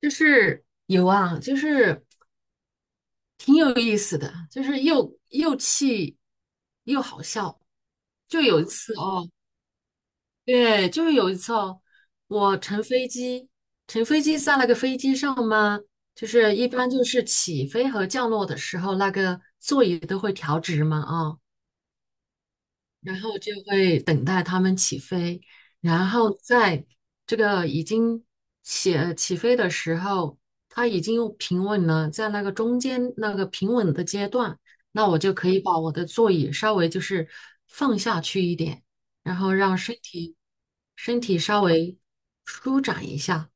就是有啊，就是挺有意思的，就是又又好笑。就有一次哦，对，就是有一次哦，我乘飞机在那个飞机上嘛，就是一般就是起飞和降落的时候，那个座椅都会调直嘛，然后就会等待他们起飞，然后在这个已经起飞的时候，它已经又平稳了，在那个中间那个平稳的阶段，那我就可以把我的座椅稍微就是放下去一点，然后让身体稍微舒展一下。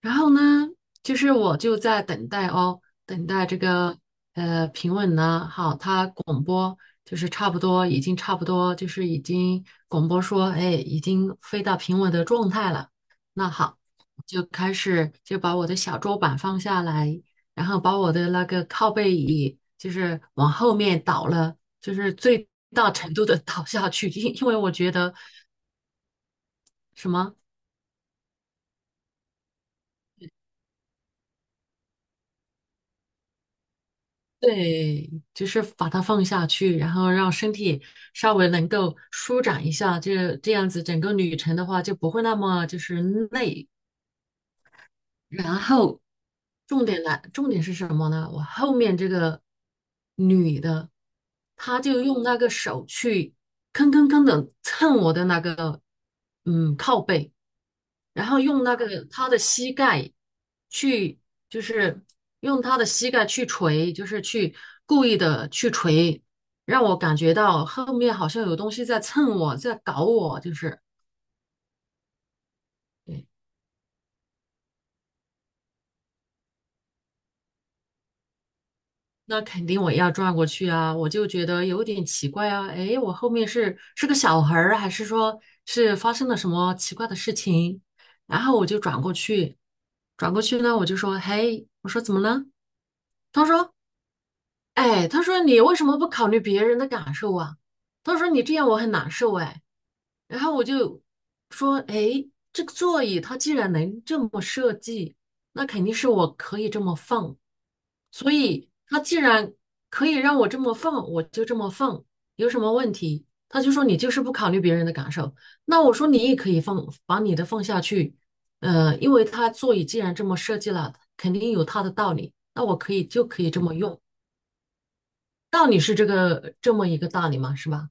然后呢，就是我就在等待哦，等待这个平稳呢，好，他广播就是差不多，已经差不多，就是已经广播说，哎，已经飞到平稳的状态了。那好，就开始就把我的小桌板放下来，然后把我的那个靠背椅就是往后面倒了，就是最大程度的倒下去，因为我觉得什么。对，就是把它放下去，然后让身体稍微能够舒展一下，这样子整个旅程的话就不会那么就是累。然后重点来，重点是什么呢？我后面这个女的，她就用那个手去吭吭吭的蹭我的那个靠背，然后用那个他的膝盖去，就是用他的膝盖去捶，就是去故意的去捶，让我感觉到后面好像有东西在蹭我，在搞我，就是。对，那肯定我也要转过去啊，我就觉得有点奇怪啊，诶，我后面是个小孩儿啊，还是说是发生了什么奇怪的事情？然后我就转过去，转过去呢，我就说，嘿，我说怎么了？他说，哎，他说你为什么不考虑别人的感受啊？他说你这样我很难受，哎。然后我就说，哎，这个座椅它既然能这么设计，那肯定是我可以这么放。所以它既然可以让我这么放，我就这么放，有什么问题？他就说你就是不考虑别人的感受。那我说你也可以放，把你的放下去。呃，因为它座椅既然这么设计了，肯定有它的道理。那我就可以这么用，道理是这个这么一个道理嘛，是吧？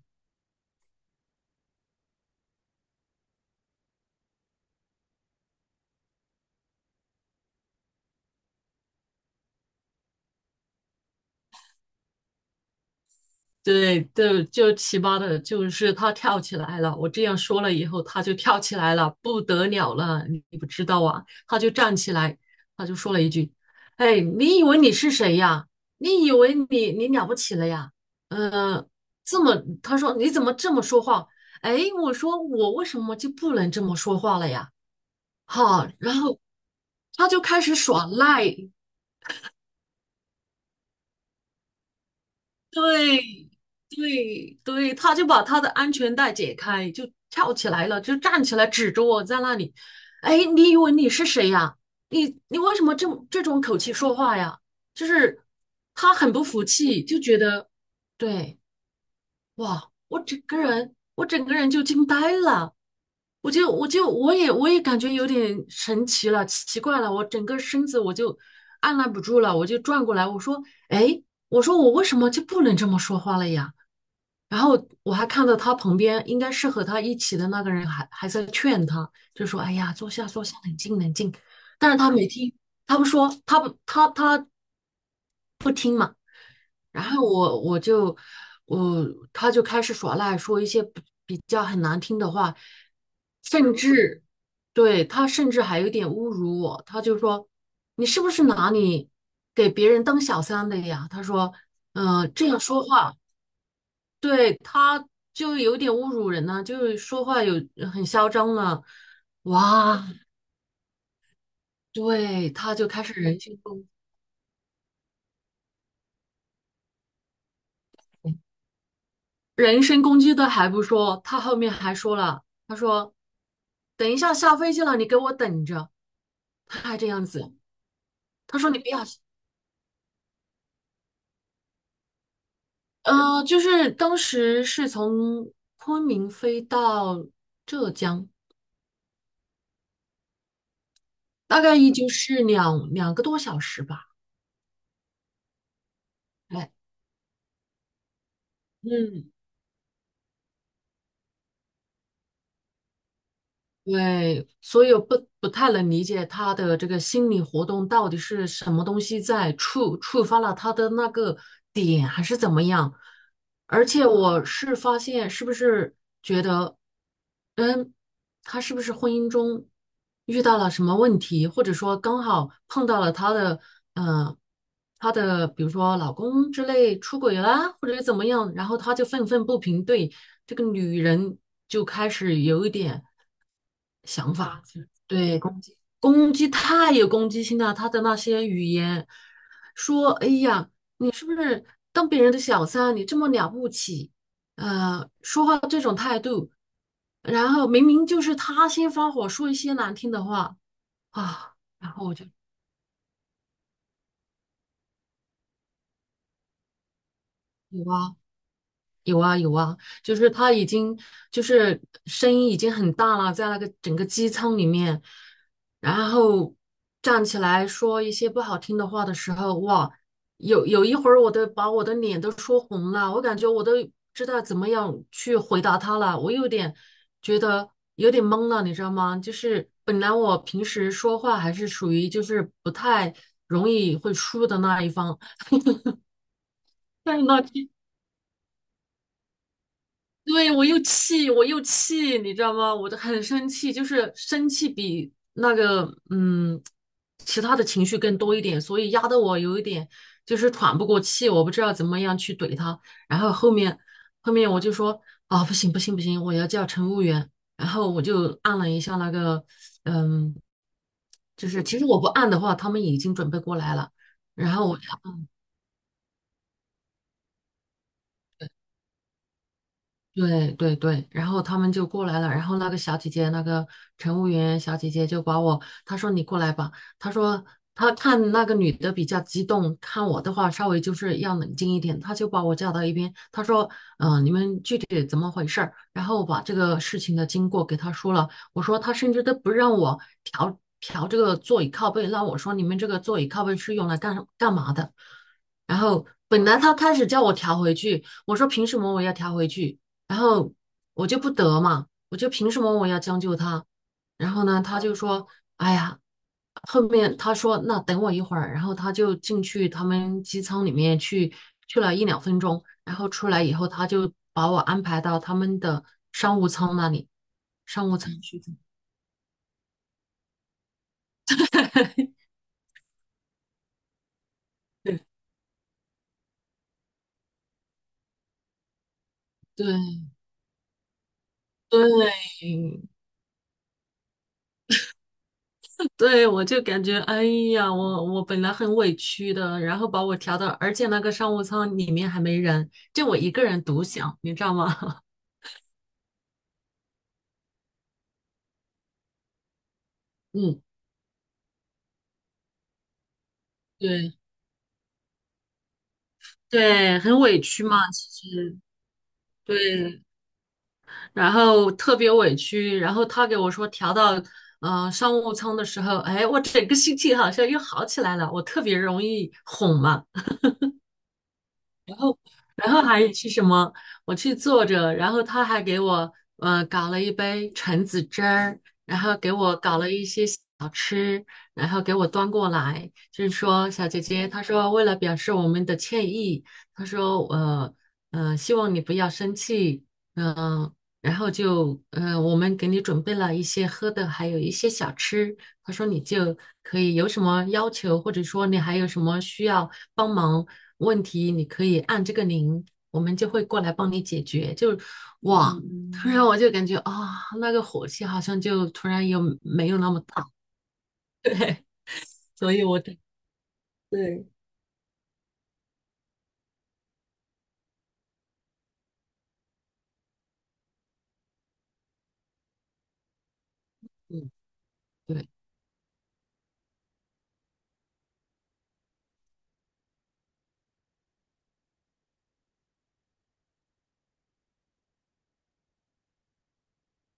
对，就奇葩的，就是他跳起来了。我这样说了以后，他就跳起来了，不得了了，你不知道啊？他就站起来，他就说了一句："哎，你以为你是谁呀？你以为你了不起了呀？呃，这么，他说你怎么这么说话？哎，我说我为什么就不能这么说话了呀？哈，然后他就开始耍赖，对对对，他就把他的安全带解开，就跳起来了，就站起来指着我在那里。哎，你以为你是谁呀？你你为什么这么这种口气说话呀？就是他很不服气，就觉得对，哇，我整个人就惊呆了，我就我也感觉有点神奇了，奇怪了，我整个身子我就按捺不住了，我就转过来，我说哎。我说我为什么就不能这么说话了呀？然后我还看到他旁边应该是和他一起的那个人还在劝他，就说："哎呀，坐下坐下，冷静冷静。"但是他没听，他不说，他不听嘛。然后我他就开始耍赖，说一些比较很难听的话，甚至对他甚至还有点侮辱我。他就说："你是不是拿你给别人当小三的呀？"他说："这样说话。"对，他就有点侮辱人了，就是说话有很嚣张了，哇，对，他就开始人身攻击，人身攻击都还不说，他后面还说了，他说，等一下下飞机了，你给我等着，他还这样子，他说你不要，呃，就是当时是从昆明飞到浙江，大概也就是两个多小时吧，哎，嗯，对，所以我不太能理解他的这个心理活动到底是什么东西在触发了他的那个点，还是怎么样？而且我是发现，是不是嗯，他是不是婚姻中遇到了什么问题，或者说刚好碰到了他的，嗯，他的比如说老公之类出轨啦，或者怎么样，然后他就愤愤不平，对这个女人就开始有一点想法，对，攻击太有攻击性了，他的那些语言说，哎呀，你是不是当别人的小三，你这么了不起？呃，说话这种态度，然后明明就是他先发火，说一些难听的话啊，然后我就有啊，有啊有啊，就是他已经就是声音已经很大了，在那个整个机舱里面，然后站起来说一些不好听的话的时候，哇，有一会儿我都把我的脸都说红了，我感觉我都知道怎么样去回答他了，我有点觉得有点懵了，你知道吗？就是本来我平时说话还是属于就是不太容易会输的那一方，但是那天对，我又气，我又气，你知道吗？我就很生气，就是生气比那个嗯，其他的情绪更多一点，所以压得我有一点就是喘不过气，我不知道怎么样去怼他。然后后面我就说啊，不行不行不行，我要叫乘务员。然后我就按了一下那个嗯，就是其实我不按的话，他们已经准备过来了。然后我对对对，然后他们就过来了，然后那个小姐姐，那个乘务员小姐姐就把我，她说你过来吧，她说她看那个女的比较激动，看我的话稍微就是要冷静一点，她就把我叫到一边，她说，你们具体怎么回事儿？然后把这个事情的经过给她说了，我说她甚至都不让我调这个座椅靠背，那我说你们这个座椅靠背是用来干嘛的？然后本来他开始叫我调回去，我说凭什么我要调回去？然后我就不得嘛，我就凭什么我要将就他？然后呢，他就说，哎呀，后面他说那等我一会儿，然后他就进去他们机舱里面去了一两分钟，然后出来以后，他就把我安排到他们的商务舱那里，商务舱去。对对对，对，我就感觉，哎呀，我本来很委屈的，然后把我调到，而且那个商务舱里面还没人，就我一个人独享，你知道吗？嗯，对对，很委屈嘛，其实对，然后特别委屈，然后他给我说调到商务舱的时候，哎，我整个心情好像又好起来了，我特别容易哄嘛，然后还是什么？我去坐着，然后他还给我搞了一杯橙子汁儿，然后给我搞了一些小吃，然后给我端过来，就是说小姐姐，他说为了表示我们的歉意，他说希望你不要生气，嗯、然后就我们给你准备了一些喝的，还有一些小吃，他说你就可以有什么要求，或者说你还有什么需要。帮忙问题，你可以按这个铃，我们就会过来帮你解决。就哇，突然我就感觉哦那个火气好像就突然又没有那么大，对，所以我对，嗯，对。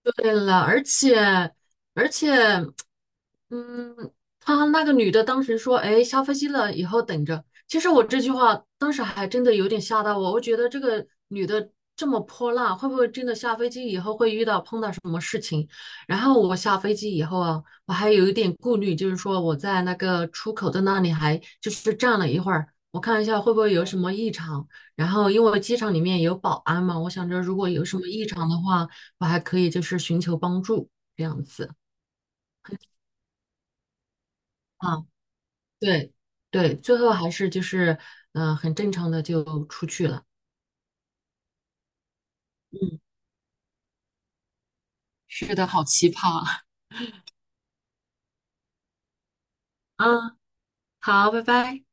对了，而且而且，嗯，他那个女的当时说："哎，下飞机了，以后等着。"其实我这句话当时还真的有点吓到我，我觉得这个女的这么泼辣，会不会真的下飞机以后会遇到碰到什么事情？然后我下飞机以后啊，我还有一点顾虑，就是说我在那个出口的那里还就是站了一会儿，我看一下会不会有什么异常。然后因为机场里面有保安嘛，我想着如果有什么异常的话。我还可以就是寻求帮助这样子啊，对对，最后还是就是很正常的就出去了。嗯，是的，好奇葩 啊，好，拜拜。